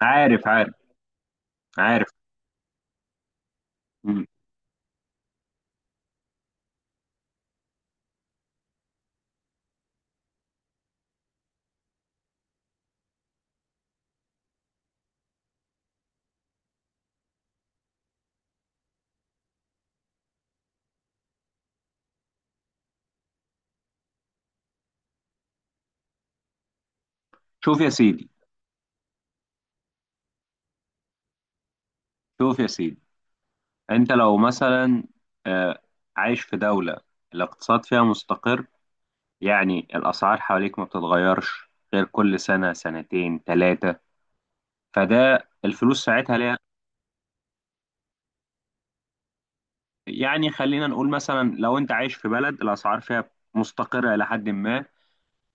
عارف عارف عارف. مم. شوف يا سيدي شوف يا سيدي، انت لو مثلا آه، عايش في دولة الاقتصاد فيها مستقر. يعني الأسعار حواليك ما بتتغيرش غير كل سنة سنتين ثلاثة، فده الفلوس ساعتها ليها. يعني خلينا نقول مثلا لو انت عايش في بلد الأسعار فيها مستقرة إلى حد ما،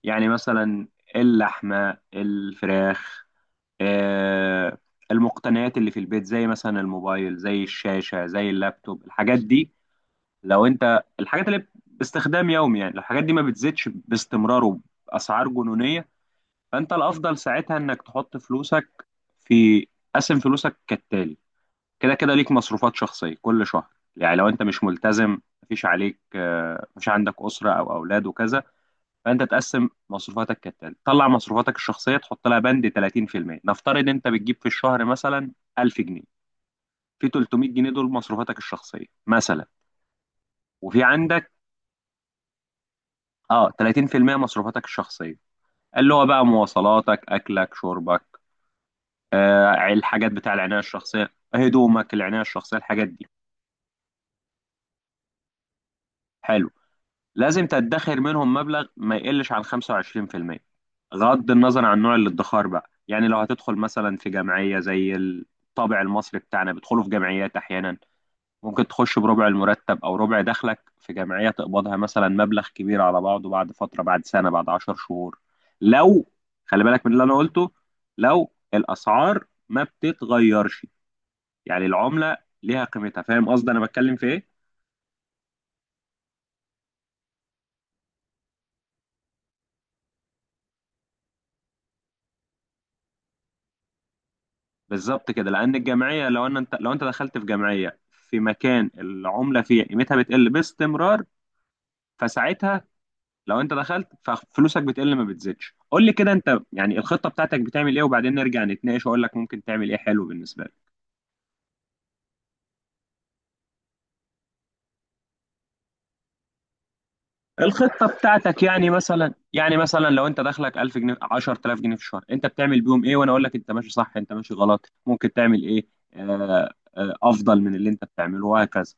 يعني مثلا اللحمة، الفراخ، آه، المقتنيات اللي في البيت زي مثلا الموبايل، زي الشاشة، زي اللابتوب، الحاجات دي، لو انت الحاجات اللي باستخدام يومي. يعني لو الحاجات دي ما بتزيدش باستمرار وباسعار جنونيه، فانت الافضل ساعتها انك تحط فلوسك في قسم فلوسك كالتالي. كده كده ليك مصروفات شخصيه كل شهر. يعني لو انت مش ملتزم، مفيش عليك، مش عندك اسره او اولاد وكذا، فانت تقسم مصروفاتك كالتالي. طلع مصروفاتك الشخصيه، تحط لها بند 30%. نفترض انت بتجيب في الشهر مثلا 1000 جنيه، في 300 جنيه دول مصروفاتك الشخصيه مثلا، وفي عندك اه 30% مصروفاتك الشخصيه، اللي هو بقى مواصلاتك، اكلك، شربك، الحاجات بتاع العنايه الشخصيه، هدومك، العنايه الشخصيه، الحاجات دي، حلو. لازم تدخر منهم مبلغ ما يقلش عن 25% غض النظر عن نوع الادخار بقى. يعني لو هتدخل مثلا في جمعيه زي الطابع المصري بتاعنا، بيدخلوا في جمعيات احيانا، ممكن تخش بربع المرتب او ربع دخلك في جمعية تقبضها مثلا مبلغ كبير على بعضه بعد فترة، بعد سنة، بعد 10 شهور. لو خلي بالك من اللي انا قلته، لو الاسعار ما بتتغيرش، يعني العملة ليها قيمتها، فاهم قصدي انا بتكلم في ايه؟ بالظبط كده. لان الجمعية لو انت دخلت في جمعية في مكان العملة فيها قيمتها بتقل باستمرار، فساعتها لو انت دخلت ففلوسك بتقل ما بتزيدش. قول لي كده انت يعني الخطه بتاعتك بتعمل ايه، وبعدين نرجع نتناقش واقول لك ممكن تعمل ايه حلو بالنسبه لك. الخطه بتاعتك يعني مثلا لو انت دخلك 1000 جنيه، 10000 جنيه في الشهر، انت بتعمل بيهم ايه؟ وانا اقول لك انت ماشي صح، انت ماشي غلط، ممكن تعمل ايه افضل من اللي انت بتعمله وهكذا.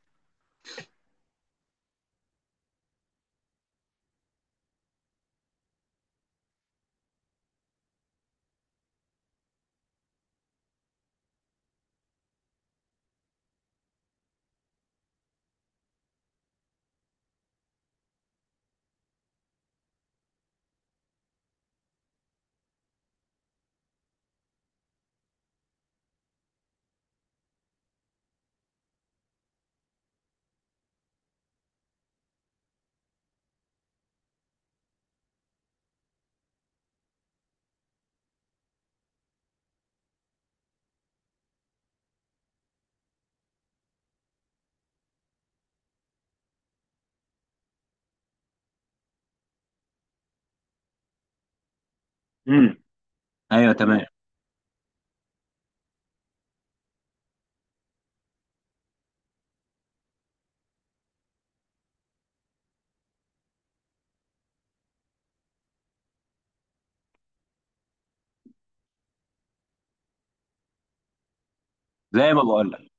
امم ايوه تمام. زي ما بقول لك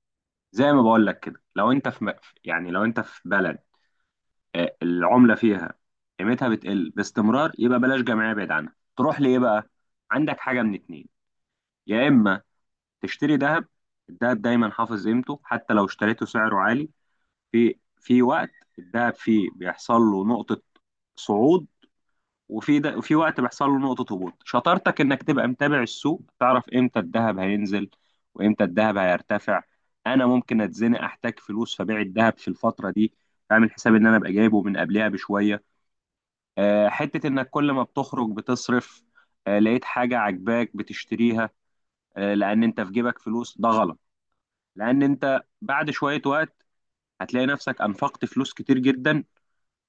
زي ما بقول لك كده، لو انت يعني لو انت في بلد العملة فيها قيمتها بتقل باستمرار، يبقى بلاش جمعية، بعيد عنها. تروح لإيه بقى؟ عندك حاجة من اتنين، يا إما تشتري ذهب. الذهب دايما حافظ قيمته حتى لو اشتريته سعره عالي. في وقت الذهب فيه بيحصل له نقطة صعود، وفي وقت بيحصل له نقطة هبوط. شطارتك إنك تبقى متابع السوق، تعرف إمتى الذهب هينزل وإمتى الذهب هيرتفع. أنا ممكن أتزنق، أحتاج فلوس، فبيع الذهب في الفترة دي، أعمل حساب إن أنا أبقى جايبه من قبلها بشوية. حتة إنك كل ما بتخرج بتصرف، لقيت حاجة عجباك بتشتريها، لأن أنت في جيبك فلوس، ده غلط. لأن أنت بعد شوية وقت هتلاقي نفسك أنفقت فلوس كتير جدا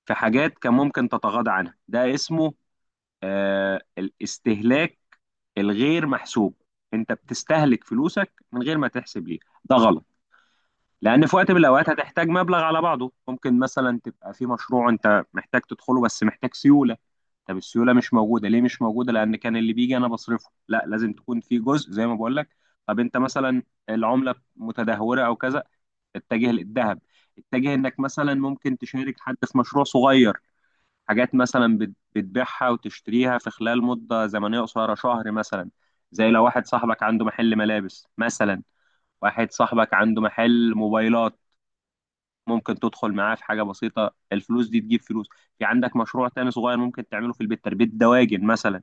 في حاجات كان ممكن تتغاضى عنها. ده اسمه الاستهلاك الغير محسوب. أنت بتستهلك فلوسك من غير ما تحسب ليه، ده غلط. لأن في وقت من الأوقات هتحتاج مبلغ على بعضه، ممكن مثلا تبقى في مشروع أنت محتاج تدخله بس محتاج سيولة. طب السيوله مش موجوده ليه؟ مش موجوده لان كان اللي بيجي انا بصرفه. لا، لازم تكون في جزء زي ما بقول لك. طب انت مثلا العمله متدهوره او كذا، اتجه للذهب، اتجه انك مثلا ممكن تشارك حد في مشروع صغير، حاجات مثلا بتبيعها وتشتريها في خلال مده زمنيه قصيره، شهر مثلا. زي لو واحد صاحبك عنده محل ملابس مثلا، واحد صاحبك عنده محل موبايلات، ممكن تدخل معاه في حاجه بسيطه، الفلوس دي تجيب فلوس. في عندك مشروع تاني صغير ممكن تعمله في البيت، تربيه دواجن مثلا.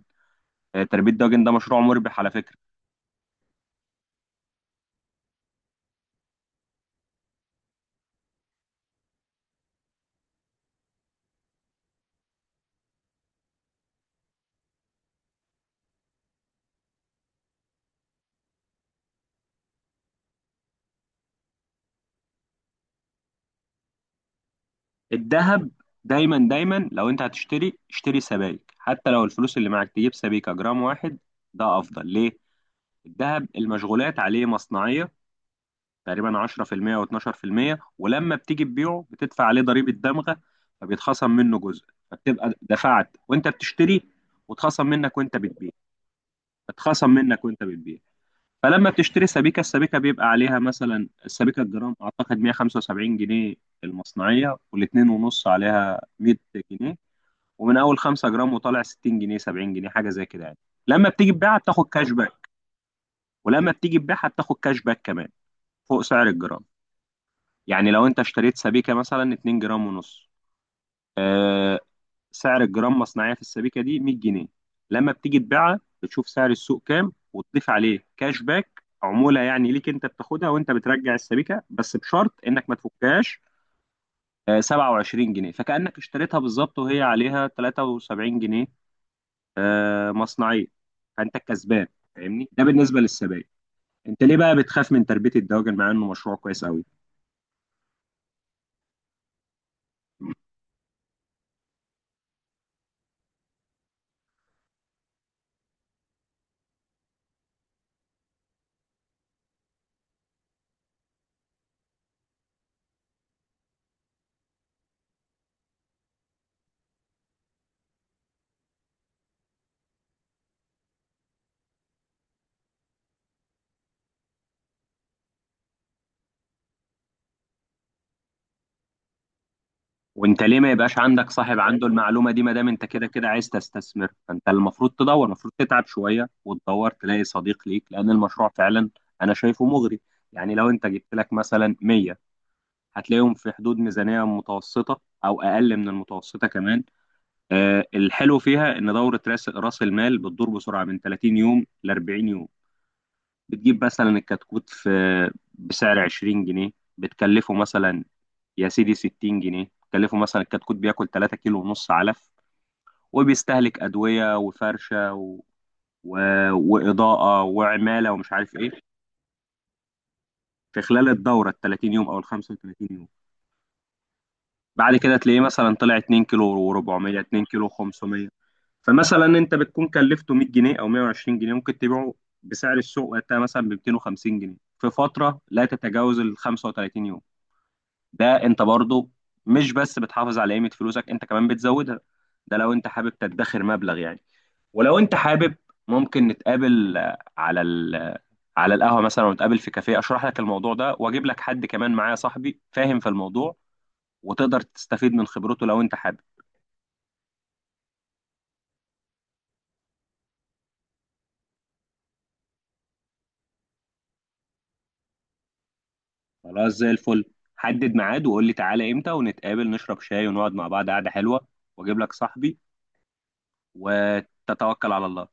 تربيه دواجن ده مشروع مربح على فكره. الذهب دايما دايما لو انت هتشتري اشتري سبائك، حتى لو الفلوس اللي معاك تجيب سبيكه جرام واحد، ده افضل ليه. الذهب المشغولات عليه مصنعيه تقريبا 10% و12%، ولما بتيجي تبيعه بتدفع عليه ضريبه دمغه، فبيتخصم منه جزء، فبتبقى دفعت وانت بتشتري واتخصم منك وانت بتبيع. اتخصم منك وانت بتبيع. فلما بتشتري سبيكة، السبيكة بيبقى عليها مثلا، السبيكة الجرام أعتقد 175 جنيه المصنعية، والاتنين ونص عليها 100 جنيه، ومن أول 5 جرام وطالع 60 جنيه، 70 جنيه، حاجة زي كده يعني. لما بتيجي تبيعها بتاخد كاش باك، ولما بتيجي تبيعها بتاخد كاش باك كمان فوق سعر الجرام. يعني لو أنت اشتريت سبيكة مثلا 2 جرام ونص، آه، سعر الجرام مصنعيه في السبيكه دي 100 جنيه، لما بتيجي تبيعها بتشوف سعر السوق كام وتضيف عليه كاش باك عموله يعني ليك انت بتاخدها وانت بترجع السبيكه، بس بشرط انك ما تفكهاش. 27 جنيه، فكانك اشتريتها بالظبط وهي عليها 73 جنيه مصنعيه، فانت الكسبان. فاهمني؟ ده بالنسبه للسبائك. انت ليه بقى بتخاف من تربيه الدواجن مع انه مشروع كويس قوي؟ وانت ليه ما يبقاش عندك صاحب عنده المعلومه دي؟ ما دام انت كده كده عايز تستثمر، فانت المفروض تدور، المفروض تتعب شويه وتدور تلاقي صديق ليك، لان المشروع فعلا انا شايفه مغري. يعني لو انت جبت لك مثلا 100، هتلاقيهم في حدود ميزانيه متوسطه او اقل من المتوسطه كمان. الحلو فيها ان دوره راس المال بتدور بسرعه من 30 يوم ل 40 يوم. بتجيب مثلا الكتكوت في بسعر 20 جنيه، بتكلفه مثلا يا سيدي 60 جنيه، بتكلفه مثلا الكتكوت بياكل 3 كيلو ونص علف، وبيستهلك أدوية وفرشة و... وإضاءة وعمالة ومش عارف إيه في خلال الدورة ال 30 يوم أو ال 35 يوم. بعد كده تلاقيه مثلا طلع 2 كيلو و400، 2 كيلو 500، فمثلا أنت بتكون كلفته 100 جنيه أو 120 جنيه، ممكن تبيعه بسعر السوق وقتها مثلا ب 250 جنيه في فترة لا تتجاوز ال 35 يوم. ده انت برضو مش بس بتحافظ على قيمة فلوسك، انت كمان بتزودها. ده لو انت حابب تدخر مبلغ يعني. ولو انت حابب، ممكن نتقابل آه، على ال آه، على القهوة مثلا، ونتقابل في كافيه، اشرح لك الموضوع ده واجيب لك حد كمان معايا صاحبي فاهم في الموضوع، وتقدر تستفيد من خبرته لو انت حابب. خلاص زي الفل. حدد ميعاد وقول لي تعالى امتى، ونتقابل نشرب شاي ونقعد مع بعض قعدة حلوة، واجيب لك صاحبي، وتتوكل على الله.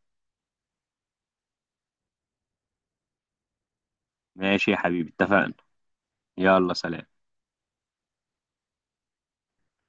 ماشي يا حبيبي اتفقنا. يلا سلام.